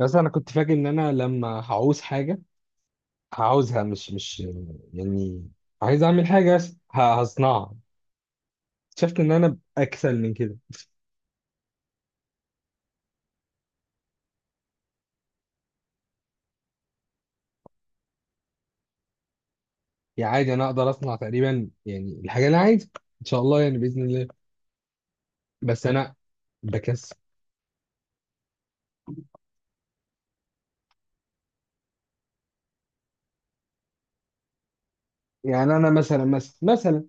بس انا كنت فاكر ان انا لما هعوز حاجه هعوزها، مش يعني عايز اعمل حاجه، بس هصنعها. اكتشفت ان انا اكسل من كده. يعني عادي انا اقدر اصنع تقريبا يعني الحاجه اللي انا عايزها، ان شاء الله يعني باذن الله. بس انا بكسل. يعني انا مثلا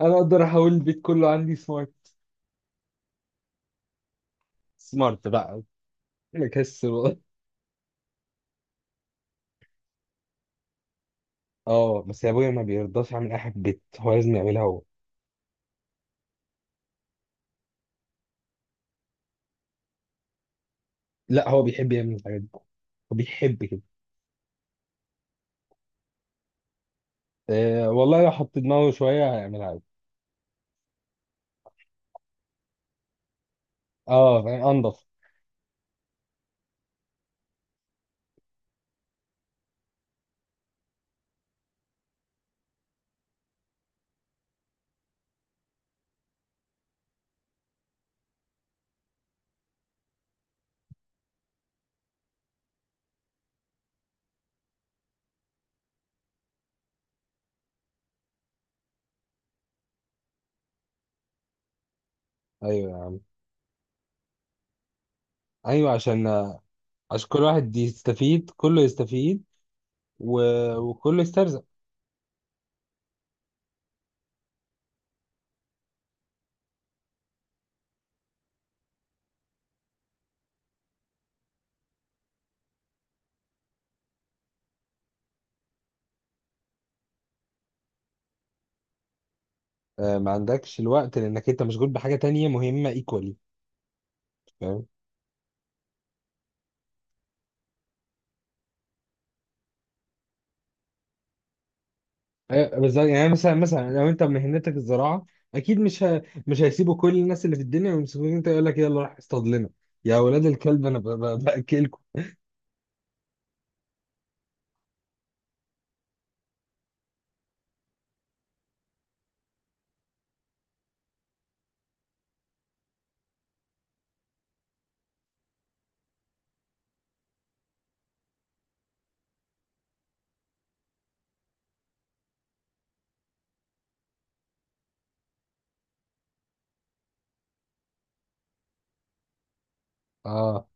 انا اقدر احول البيت كله عندي سمارت، سمارت بقى. بكسل والله. اه، بس يا ابويا ما بيرضاش يعمل اي حاجه في البيت، هو لازم يعملها هو. لا، هو بيحب يعمل الحاجات دي. هو بيحب كده. أه والله لو حط دماغه شويه هيعملها. اه فاهم؟ انضف. ايوه، ايوه، عشان كل واحد يستفيد، كله يستفيد. و... وكله يسترزق. آه، ما عندكش الوقت لانك انت مشغول بحاجه تانية مهمه ايكوالي. فاهم. آه، بالظبط. يعني مثلا لو انت مهنتك الزراعه، اكيد مش هيسيبوا كل الناس اللي في الدنيا ويمسكوك انت يقول لك يلا روح اصطاد لنا يا اولاد الكلب، انا باكلكم. اه،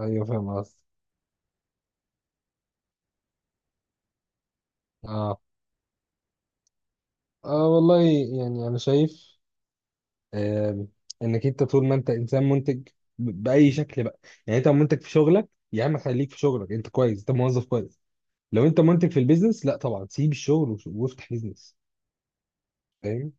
ايوه فاهم قصدي. اه، اه والله يعني انا شايف، آه، انك انت طول ما انت انسان منتج باي شكل بقى. يعني انت منتج في شغلك، يا عم خليك في شغلك، انت كويس، انت موظف كويس. لو انت منتج في البيزنس، لا طبعا سيب الشغل وافتح بيزنس. فاهم.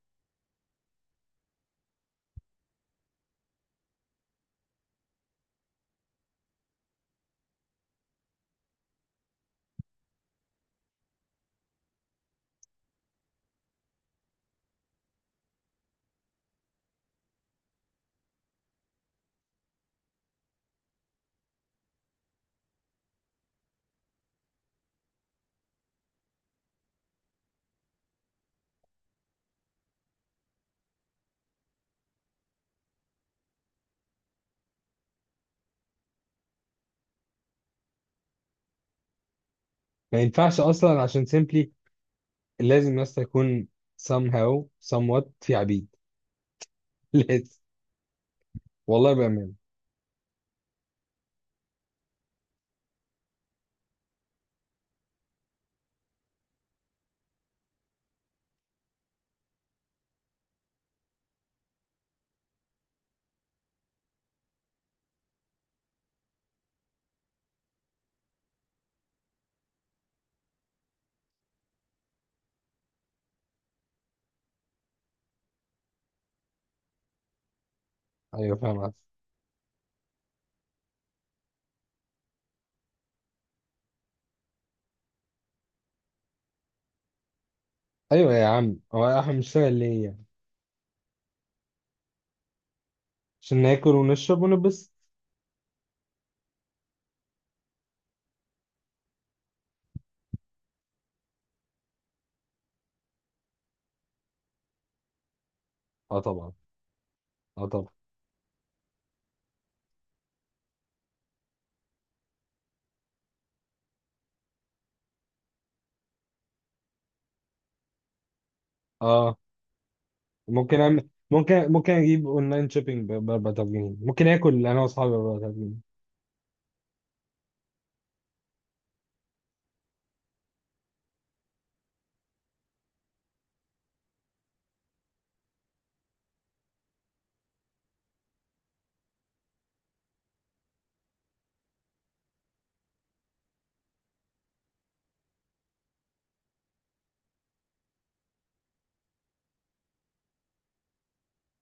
ما ينفعش اصلا، عشان سيمبلي لازم بس يكون somehow somewhat في عبيد. لازم. والله بامان. ايوه فاهم عارف. ايوه يا عم، هو احنا بنشتغل ليه يعني؟ عشان ناكل ونشرب ونلبس. اه طبعا. اه طبعا. اه، ممكن أعمل، ممكن، ممكن اجيب اونلاين شوبينج ب 4000 جنيه، ممكن اكل انا واصحابي ب 4000 جنيه.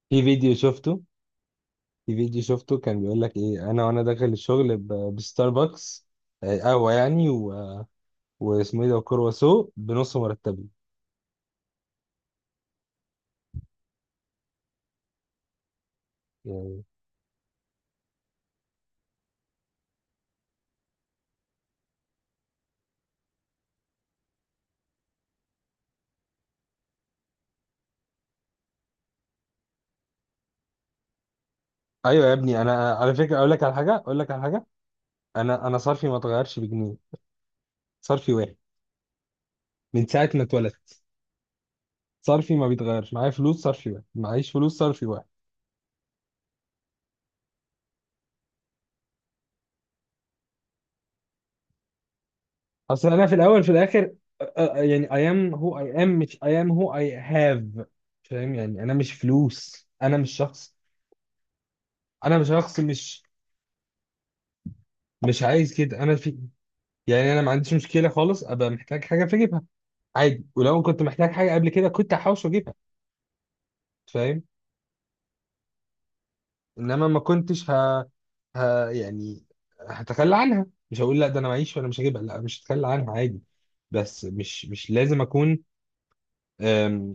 في فيديو شفته، في فيديو شفته كان بيقول لك ايه، انا وانا داخل الشغل بستاربكس، آه، قهوه يعني، واسمه ايه ده، وكرواسو بنص مرتبي يعني. ايوه يا ابني، انا على فكره اقول لك على حاجه، اقول لك على حاجه. انا صرفي ما اتغيرش بجنيه. صرفي واحد من ساعه ما اتولدت. صرفي ما بيتغيرش، معايا فلوس صرفي واحد، معيش فلوس صرفي واحد. اصل انا في الاول في الاخر، يعني I am who I am مش I am who I have. فاهم؟ يعني انا مش فلوس، انا مش شخص. انا مش شخص، مش عايز كده انا في. يعني انا ما عنديش مشكله خالص، ابقى محتاج حاجه فاجيبها عادي. ولو كنت محتاج حاجه قبل كده كنت هحوش واجيبها. فاهم. انما ما كنتش يعني هتخلى عنها. مش هقول لا ده انا معيش وانا مش هجيبها، لا مش هتخلى عنها عادي. بس مش لازم اكون، أم،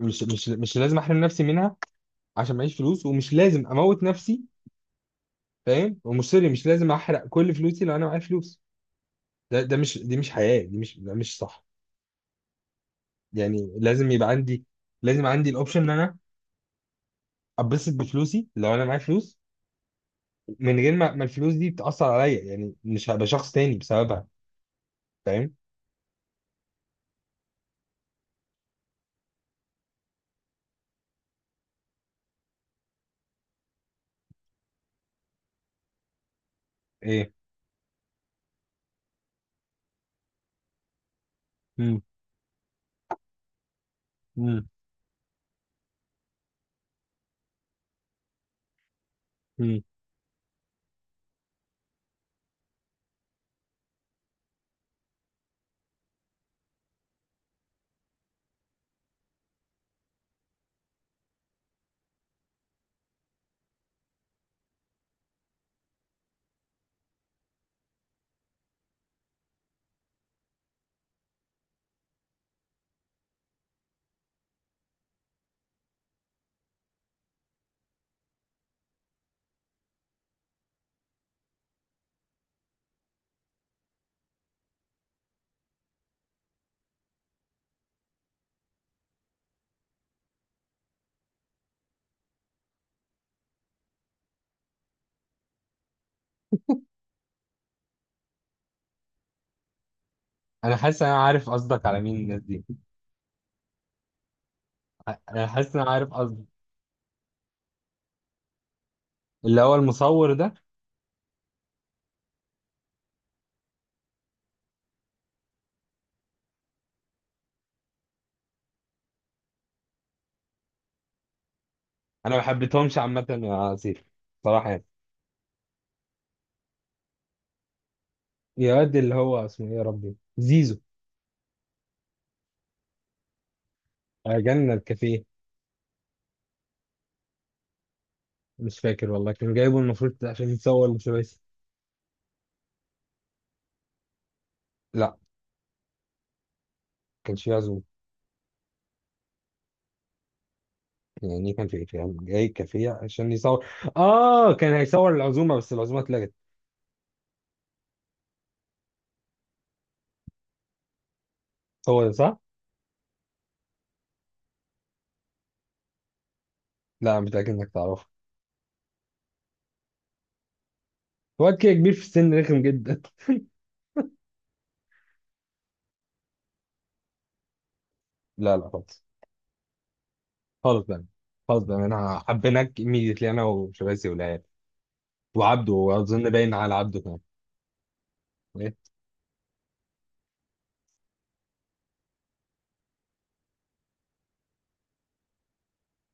مش لازم احرم نفسي منها عشان معيش فلوس، ومش لازم اموت نفسي. فاهم؟ ومش، سوري، مش لازم احرق كل فلوسي لو انا معايا فلوس. ده، ده مش، دي مش حياة، دي مش، ده مش صح. يعني لازم يبقى عندي، لازم عندي الاوبشن ان انا اتبسط بفلوسي لو انا معايا فلوس، من غير ما الفلوس دي بتأثر عليا، يعني مش هبقى شخص تاني بسببها. فاهم؟ ايه. مم. مم. مم. انا حاسس إن انا عارف قصدك على مين الناس دي. انا حاسس ان انا عارف قصدك. اللي هو المصور ده. انا ما حبيتهمش عامة يا عصير، صراحة يعني. يا واد، اللي هو اسمه ايه يا ربي، زيزو. آه، جنة الكافيه. مش فاكر والله، كانوا جايبه المفروض عشان يتصور مش بس. لا، كانش فيه عزومة. يعني كان في، كان جاي كافيه عشان يصور. اه كان هيصور العزومة بس العزومة اتلغت. هو ده صح؟ لا، أنا متأكد انك تعرفه. واد كده كبير في السن، رخم جدا. لا لا خالص. خالص بقى. خالص بقى انا حبيناك immediately، انا وشباسي والعيال وعبده، واظن باين على عبده كمان. إيه؟